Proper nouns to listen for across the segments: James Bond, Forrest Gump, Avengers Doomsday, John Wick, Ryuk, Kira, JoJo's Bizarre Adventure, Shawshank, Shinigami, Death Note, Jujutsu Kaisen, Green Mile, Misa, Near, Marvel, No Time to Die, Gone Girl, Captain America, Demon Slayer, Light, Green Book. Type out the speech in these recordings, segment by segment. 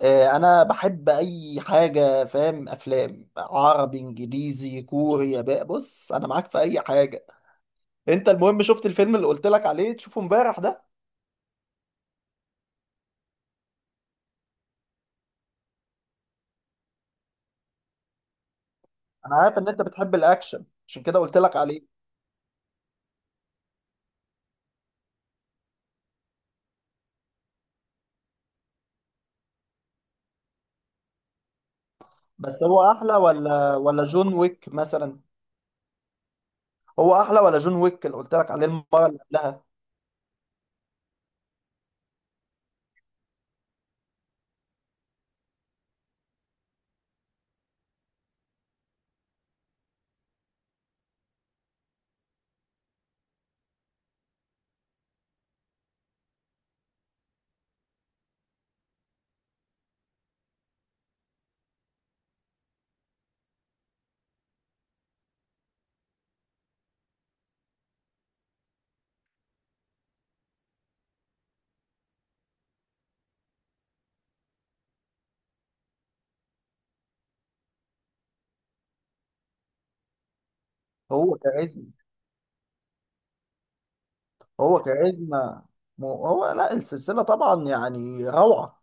انا بحب اي حاجه فاهم افلام عربي انجليزي كوري ياباني. بص انا معاك في اي حاجه. انت المهم شفت الفيلم اللي قلت لك عليه تشوفه امبارح ده؟ انا عارف ان انت بتحب الاكشن عشان كده قلت لك عليه. بس هو احلى ولا جون ويك مثلا؟ هو احلى ولا جون ويك اللي قلت لك عليه المره اللي قبلها؟ هو كاريزما. هو كاريزما. مو- هو لا السلسله طبعا يعني روعه.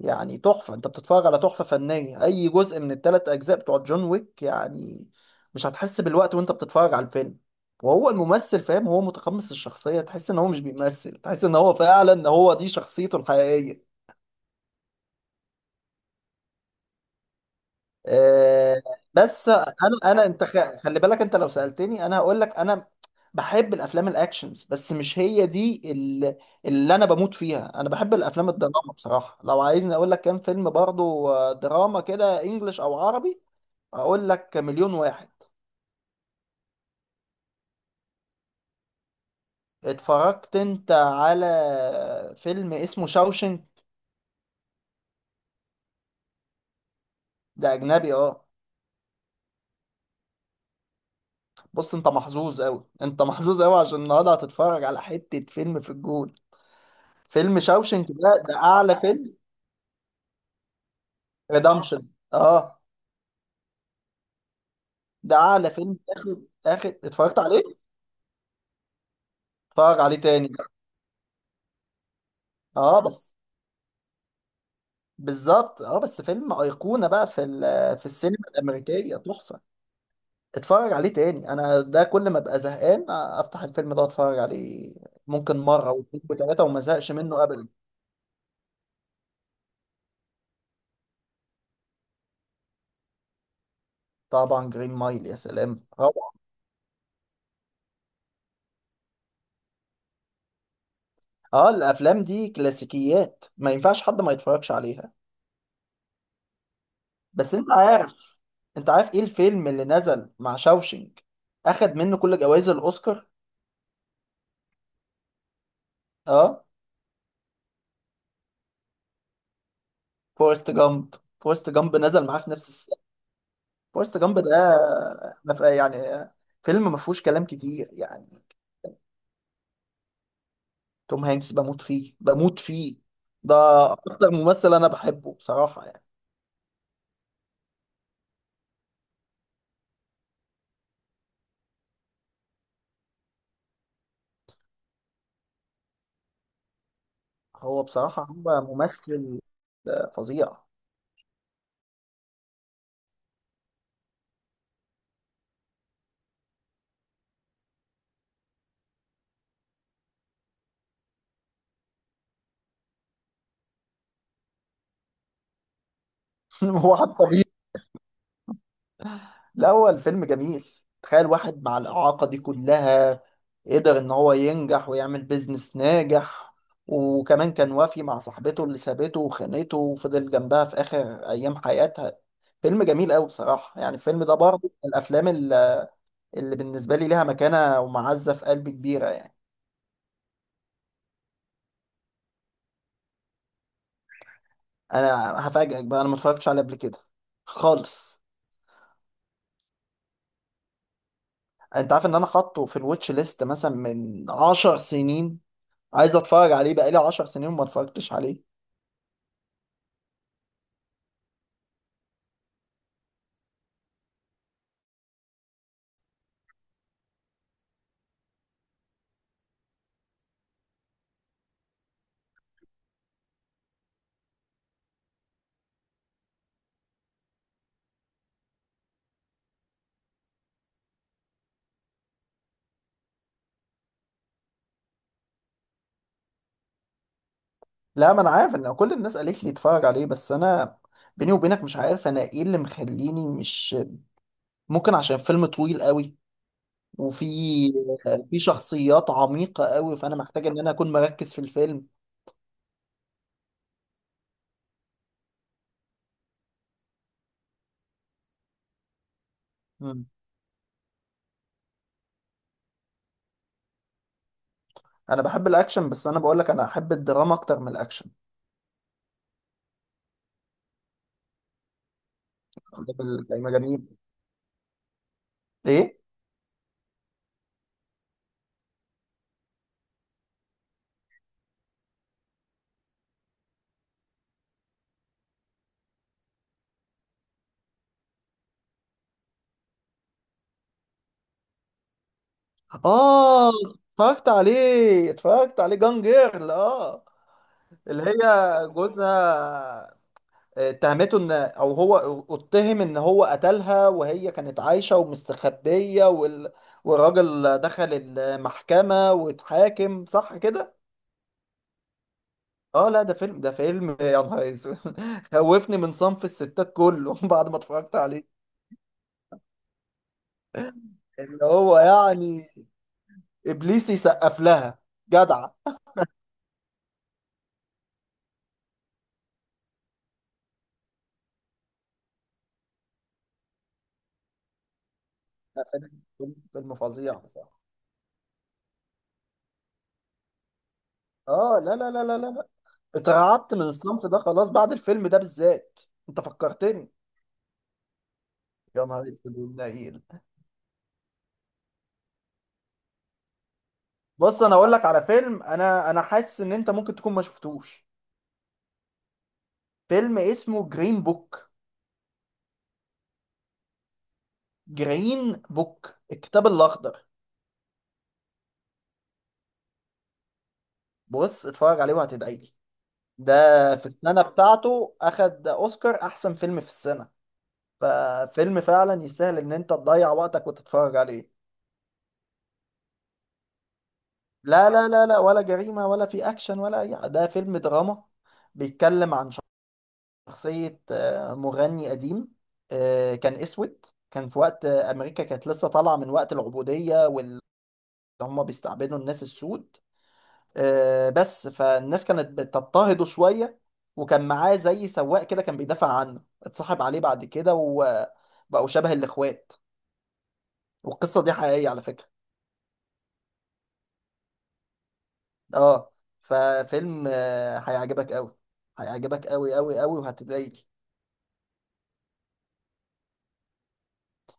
يعني تحفة، انت بتتفرج على تحفة فنية اي جزء من التلات اجزاء بتوع جون ويك يعني. مش هتحس بالوقت وانت بتتفرج على الفيلم. وهو الممثل فاهم، هو متقمص الشخصية، تحس ان هو مش بيمثل، تحس ان هو فعلا هو دي شخصيته الحقيقية. آه. بس انا انت خلي بالك، انت لو سألتني انا هقول لك. انا بحب الافلام الاكشنز، بس مش هي دي اللي انا بموت فيها. انا بحب الافلام الدراما بصراحة. لو عايزني اقول لك كام فيلم برضو دراما كده انجلش او عربي، اقول لك مليون واحد. اتفرجت انت على فيلم اسمه شاوشنك؟ ده اجنبي اه. بص انت محظوظ قوي، انت محظوظ قوي، عشان النهارده هتتفرج على حتة فيلم في الجول. فيلم شاوشنك ده ده اعلى فيلم. ريدمشن اه. ده اعلى فيلم اخد اتفرجت عليه. اتفرج عليه تاني. اه بس، بالظبط اه. بس فيلم ايقونة بقى في في السينما الامريكية، تحفة. اتفرج عليه تاني. انا ده كل ما ابقى زهقان افتح الفيلم ده واتفرج عليه. ممكن مره واثنين وثلاثه وما زهقش منه ابدا. طبعا جرين مايل يا سلام روعة. اه الافلام دي كلاسيكيات، ما ينفعش حد ما يتفرجش عليها. بس انت عارف، انت عارف ايه الفيلم اللي نزل مع شاوشينج اخد منه كل جوائز الاوسكار؟ اه، فورست جامب. فورست جامب نزل معاه في نفس السنه. فورست جامب ده ما ف- يعني فيلم ما فيهوش كلام كتير يعني. توم هانكس بموت فيه، بموت فيه. ده اكتر ممثل انا بحبه بصراحة يعني. هو بصراحة هو ممثل فظيع. هو حتى الأول فيلم جميل. تخيل واحد مع الإعاقة دي كلها قدر إن هو ينجح ويعمل بيزنس ناجح، وكمان كان وافي مع صاحبته اللي سابته وخانته وفضل جنبها في آخر أيام حياتها. فيلم جميل أوي بصراحة. يعني الفيلم ده برضه من الأفلام اللي بالنسبة لي ليها مكانة ومعزة في قلبي كبيرة يعني. أنا هفاجئك بقى، أنا ما اتفرجتش عليه قبل كده خالص. أنت عارف إن أنا حاطه في الواتش ليست مثلا من 10 سنين؟ عايز أتفرج عليه بقالي 10 سنين وما اتفرجتش عليه. لا ما انا عارف ان كل الناس قالت لي اتفرج عليه، بس انا بيني وبينك مش عارف انا ايه اللي مخليني مش ممكن. عشان فيلم طويل قوي، وفي في شخصيات عميقة قوي، فانا محتاج ان انا اكون مركز في الفيلم. مم. انا بحب الاكشن، بس انا بقول لك انا احب الدراما اكتر من الاكشن. ده بال- جميل. ايه اه. اتفرجت عليه، اتفرجت عليه جان جيرل اه. اللي هي جوزها اتهمته ان هو اتهم ان هو قتلها، وهي كانت عايشة ومستخبية، والراجل دخل المحكمة واتحاكم، صح كده؟ اه لا، ده فيلم، ده فيلم يا نهار اسود. خوفني من صنف الستات كله بعد ما اتفرجت عليه. اللي هو يعني ابليس يسقف لها، جدع. لا، فيلم فظيع بصراحة. اه لا. اترعبت من الصنف ده خلاص بعد الفيلم ده بالذات. انت فكرتني. يا نهار اسود والنيل. بص انا اقول لك على فيلم، انا حاسس ان انت ممكن تكون ما شفتوش فيلم اسمه جرين بوك. جرين بوك الكتاب الاخضر. بص اتفرج عليه وهتدعي لي. ده في السنه بتاعته اخد اوسكار احسن فيلم في السنه. ففيلم فعلا يستاهل ان انت تضيع وقتك وتتفرج عليه. لا ولا جريمه ولا في اكشن ولا اي، ده فيلم دراما. بيتكلم عن شخصية مغني قديم كان أسود، كان في وقت أمريكا كانت لسه طالعة من وقت العبودية واللي هم بيستعبدوا الناس السود بس فالناس كانت بتضطهده شوية. وكان معاه زي سواق كده كان بيدافع عنه، اتصاحب عليه بعد كده وبقوا شبه الإخوات. والقصة دي حقيقية على فكرة. اه ففيلم هيعجبك أوي، هيعجبك أوي أوي أوي وهتتضايق.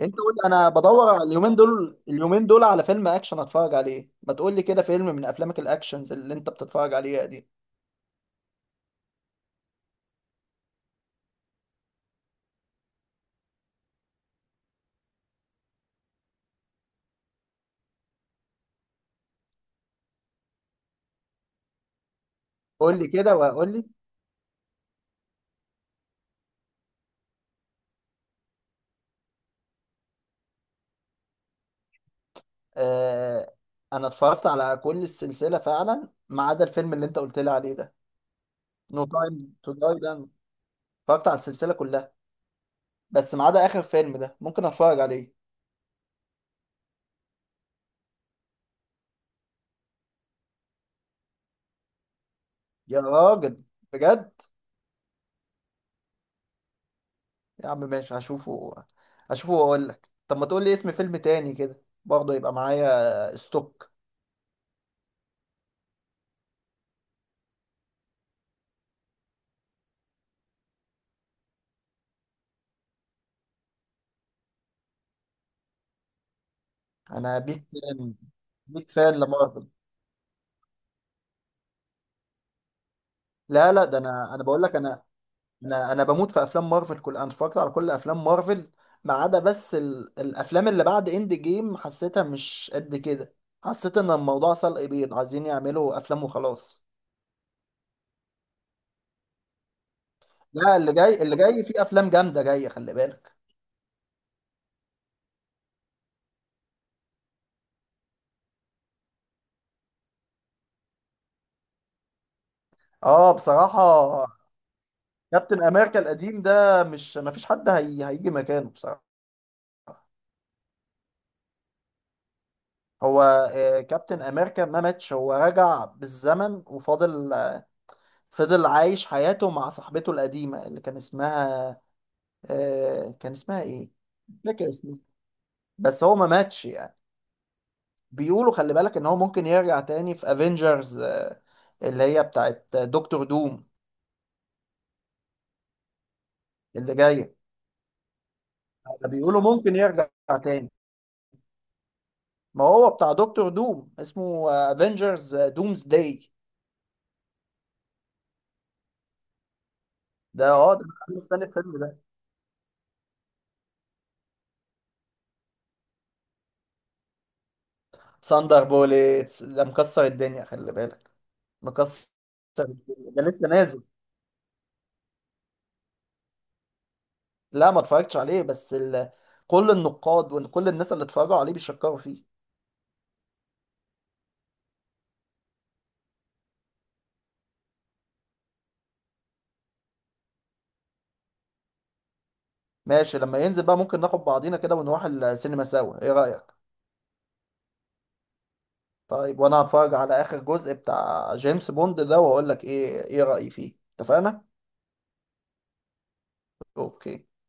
انت قول لي، انا بدور على اليومين دول، اليومين دول على فيلم اكشن اتفرج عليه، ما تقول لي كده فيلم من افلامك الاكشنز اللي انت بتتفرج عليها دي. قول لي كده وهقول لي. آه انا اتفرجت على كل السلسله فعلا ما عدا الفيلم اللي انت قلت لي عليه ده. نو تايم تو داي ده، أنا اتفرجت على السلسله كلها بس ما عدا اخر فيلم ده. ممكن اتفرج عليه. يا راجل بجد. يا عم ماشي، هشوفه، هشوفه واقول لك. طب ما تقول لي اسم فيلم تاني كده برضه يبقى معايا ستوك. انا بيك فان، بيك فان لمارفل. لا لا، ده انا بقول لك انا انا بموت في افلام مارفل. انا اتفرجت على كل افلام مارفل ما عدا بس الافلام اللي بعد اند جيم، حسيتها مش قد كده. حسيت ان الموضوع سلق بيض، عايزين يعملوا افلام وخلاص. لا، اللي جاي فيه افلام جامده جايه، خلي بالك. اه بصراحه. كابتن امريكا القديم ده مش ما فيش حد هيجي مكانه بصراحه. هو كابتن امريكا ما ماتش، هو رجع بالزمن فضل عايش حياته مع صاحبته القديمة اللي كان اسمها آه، كان اسمها ايه؟ مش فاكر اسمها. بس هو ما ماتش يعني. بيقولوا خلي بالك ان هو ممكن يرجع تاني في افنجرز آه، اللي هي بتاعت دكتور دوم اللي جاية. بيقولوا ممكن يرجع تاني. ما هو بتاع دكتور دوم اسمه افنجرز دومز داي. ده اه، انا مستني الفيلم ده. ساندر بوليتس ده مكسر الدنيا خلي بالك. مكسر الدنيا. ده لسه نازل. لا ما اتفرجتش عليه، بس كل النقاد وكل الناس اللي اتفرجوا عليه بيشكروا فيه. ماشي، لما ينزل بقى ممكن ناخد بعضينا كده ونروح السينما سوا، ايه رأيك؟ طيب وانا هتفرج على اخر جزء بتاع جيمس بوند ده واقول لك ايه رأيي فيه، اتفقنا. اوكي.